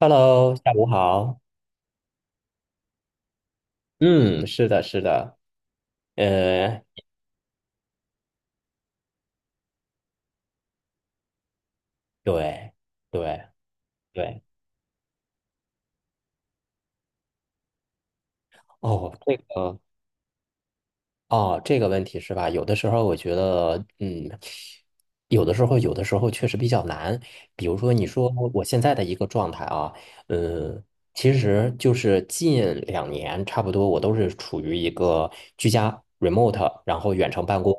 Hello，下午好。嗯，是的，是的，呃，对，对，对，哦，这个，哦，这个问题是吧？有的时候我觉得，有的时候确实比较难。比如说，你说我现在的一个状态啊，嗯，其实就是近2年差不多，我都是处于一个居家 remote，然后远程办公。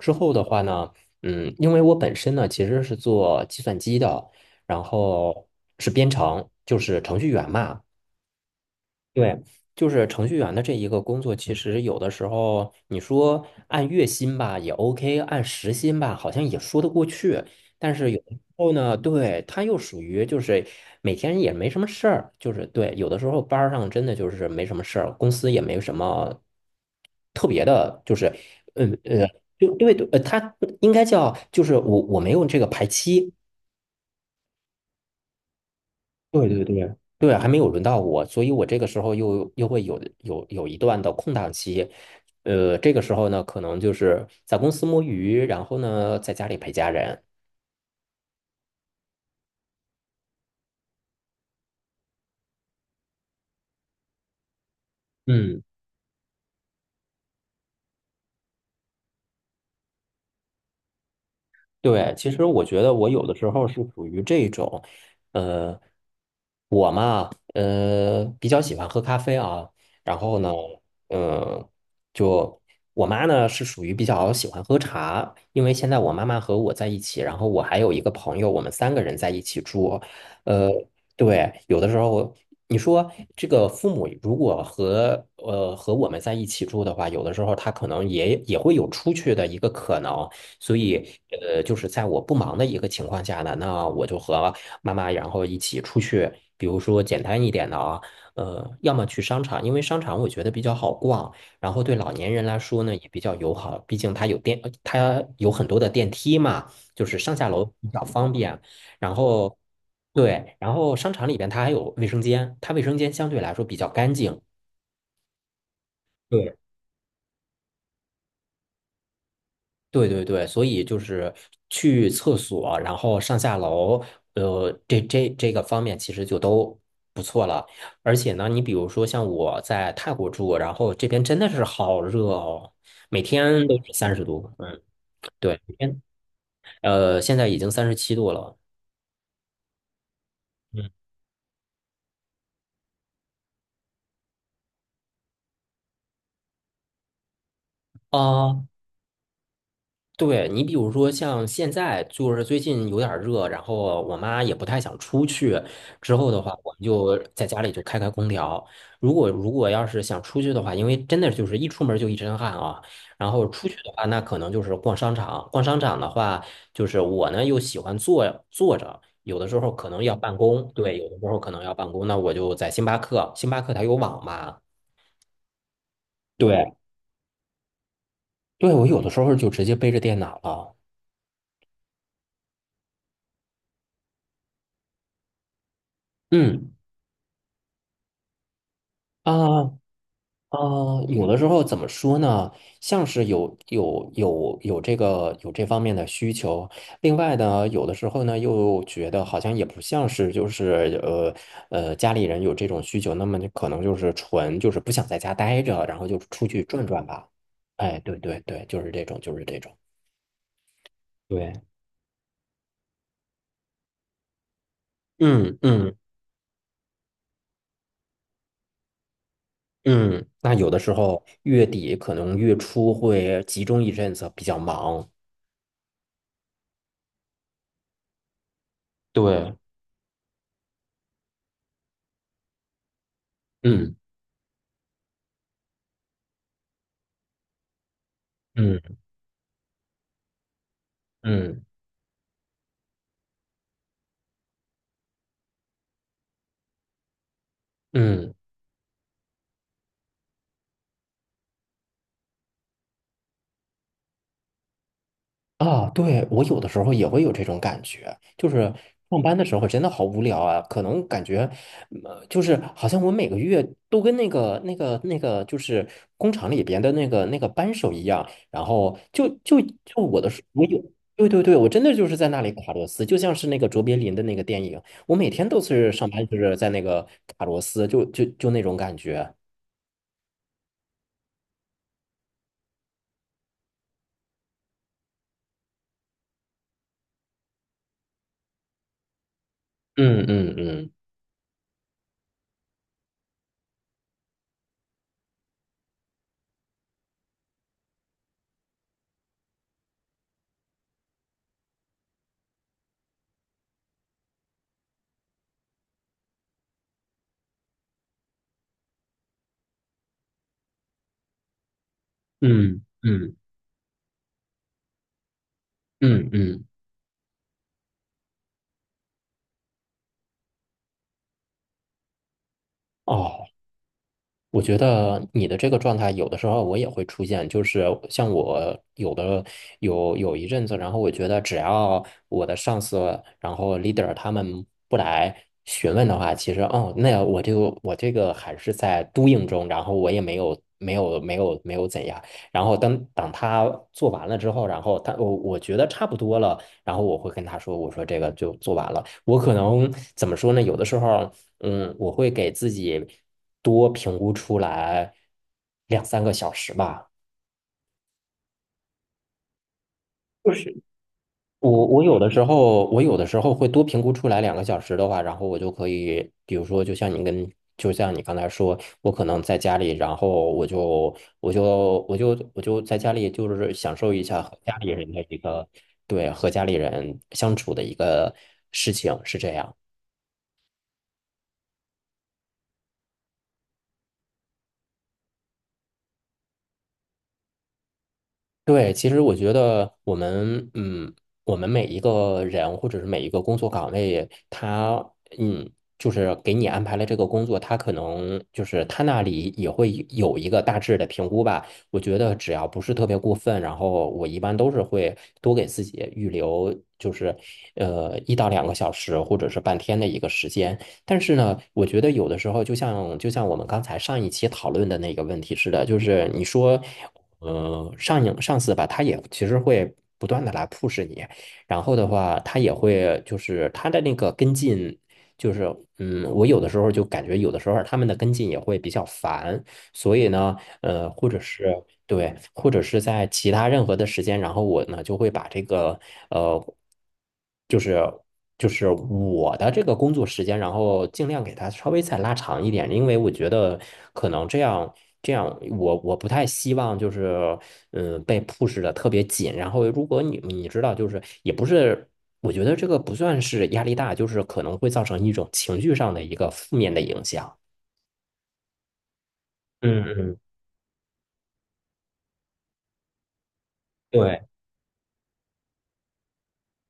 之后的话呢，因为我本身呢其实是做计算机的，然后是编程，就是程序员嘛。对，就是程序员的这一个工作，其实有的时候你说按月薪吧也 OK，按时薪吧好像也说得过去，但是有的时候呢，对，他又属于就是每天也没什么事儿，就是对，有的时候班儿上真的就是没什么事儿，公司也没什么特别的，就是嗯呃，对因为他应该叫就是我没有这个排期，对对对对，还没有轮到我，所以我这个时候又会有一段的空档期，这个时候呢，可能就是在公司摸鱼，然后呢，在家里陪家人。嗯。对，其实我觉得我有的时候是属于这种，呃，我嘛，比较喜欢喝咖啡啊，然后呢，呃，就我妈呢是属于比较喜欢喝茶，因为现在我妈妈和我在一起，然后我还有一个朋友，我们三个人在一起住，呃，对，有的时候你说这个父母如果和我们在一起住的话，有的时候他可能也会有出去的一个可能。所以，就是在我不忙的一个情况下呢，那我就和妈妈然后一起出去，比如说简单一点的啊，要么去商场，因为商场我觉得比较好逛，然后对老年人来说呢也比较友好，毕竟它有很多的电梯嘛，就是上下楼比较方便。然后，对，然后商场里边它还有卫生间，它卫生间相对来说比较干净。对。对对对，所以就是去厕所，然后上下楼，这个方面其实就都不错了。而且呢，你比如说像我在泰国住，然后这边真的是好热哦，每天都是30度。嗯，对，现在已经37度了。嗯，啊、对你，比如说像现在就是最近有点儿热，然后我妈也不太想出去。之后的话，我们就在家里就开开空调。如果要是想出去的话，因为真的就是一出门就一身汗啊。然后出去的话，那可能就是逛商场。逛商场的话，就是我呢又喜欢坐坐着，有的时候可能要办公，对，有的时候可能要办公，那我就在星巴克，星巴克它有网嘛，对，对，我有的时候就直接背着电脑了。嗯啊，有的时候怎么说呢？像是有这个有这方面的需求，另外呢，有的时候呢又觉得好像也不像是就是家里人有这种需求，那么就可能就是纯就是不想在家待着，然后就出去转转吧。哎，对对对，就是这种，就是这种。对，嗯嗯嗯，那有的时候月底可能月初会集中一阵子比较忙。对，嗯嗯嗯嗯。啊，对，我有的时候也会有这种感觉，就是上班的时候真的好无聊啊，可能感觉，就是好像我每个月都跟那个就是工厂里边的那个扳手一样，然后就我的是我有，对对对，我真的就是在那里卡螺丝，就像是那个卓别林的那个电影，我每天都是上班就是在那个卡螺丝，就那种感觉，嗯嗯嗯嗯嗯嗯嗯，哦。我觉得你的这个状态，有的时候我也会出现，就是像我有的有有一阵子，然后我觉得只要我的上司，然后 leader 他们不来询问的话，其实哦，那我这个还是在 doing 中，然后我也没有怎样，然后等等他做完了之后，然后我觉得差不多了，然后我会跟他说，我说这个就做完了。我可能怎么说呢？有的时候。嗯，我会给自己多评估出来2、3个小时吧。就是我有的时候会多评估出来两个小时的话，然后我就可以，比如说，就像你刚才说，我可能在家里，然后我就我就在家里，就是享受一下和家里人的一个，对，和家里人相处的一个事情，是这样。对，其实我觉得我们，我们每一个人或者是每一个工作岗位，他，嗯，就是给你安排了这个工作，他可能就是他那里也会有一个大致的评估吧。我觉得只要不是特别过分，然后我一般都是会多给自己预留，就是1到2个小时或者是半天的一个时间。但是呢，我觉得有的时候，就像我们刚才上一期讨论的那个问题似的，就是你说，上司吧，他也其实会不断的来 push 你，然后的话，他也会就是他的那个跟进，就是我有的时候就感觉有的时候他们的跟进也会比较烦，所以呢，呃，或者是。对，或者是在其他任何的时间，然后我呢就会把这个呃，就是就是我的这个工作时间，然后尽量给他稍微再拉长一点，因为我觉得可能这样，我不太希望就是被 push 的特别紧，然后如果你知道，就是也不是。我觉得这个不算是压力大，就是可能会造成一种情绪上的一个负面的影响。嗯嗯，对。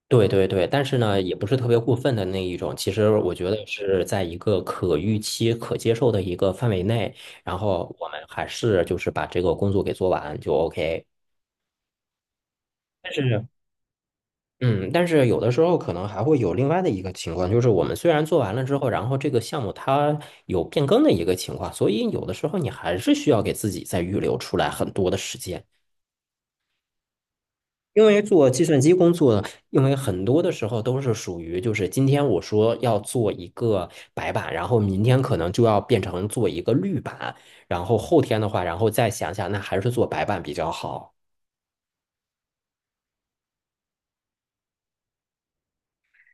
对对对，但是呢，也不是特别过分的那一种。其实我觉得是在一个可预期、可接受的一个范围内，然后我们还是就是把这个工作给做完就 OK。但是，嗯，但是有的时候可能还会有另外的一个情况，就是我们虽然做完了之后，然后这个项目它有变更的一个情况，所以有的时候你还是需要给自己再预留出来很多的时间。因为做计算机工作，因为很多的时候都是属于，就是今天我说要做一个白板，然后明天可能就要变成做一个绿板，然后后天的话，然后再想想，那还是做白板比较好。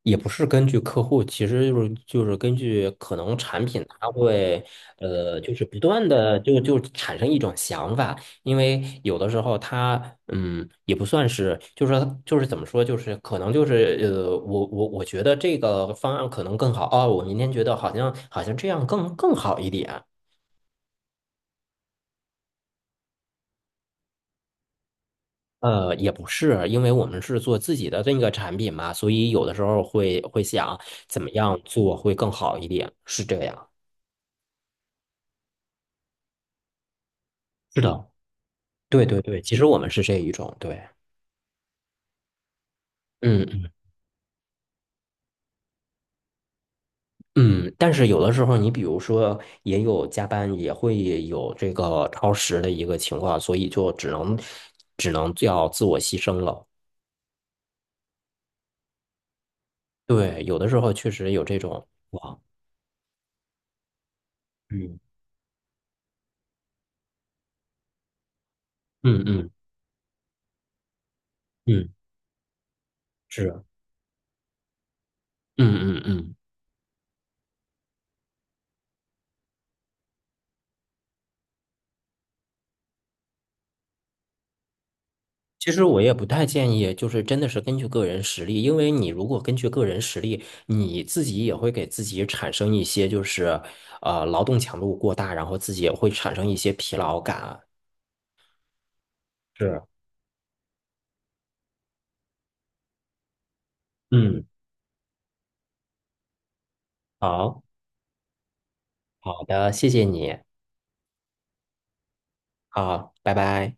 也不是根据客户，其实就是根据可能产品，它会就是不断的就产生一种想法，因为有的时候它也不算是，就是说就是怎么说，就是可能就是我觉得这个方案可能更好哦，我明天觉得好像这样更好一点。也不是，因为我们是做自己的这个产品嘛，所以有的时候会想怎么样做会更好一点，是这样。是的。对对对，其实我们是这一种，对，嗯嗯，嗯，但是有的时候你比如说也有加班，也会有这个超时的一个情况，所以就只能要自我牺牲了。对，有的时候确实有这种哇，嗯嗯嗯嗯，是，嗯嗯嗯。其实我也不太建议，就是真的是根据个人实力，因为你如果根据个人实力，你自己也会给自己产生一些就是劳动强度过大，然后自己也会产生一些疲劳感。是，嗯，好，好的，谢谢你，好，拜拜。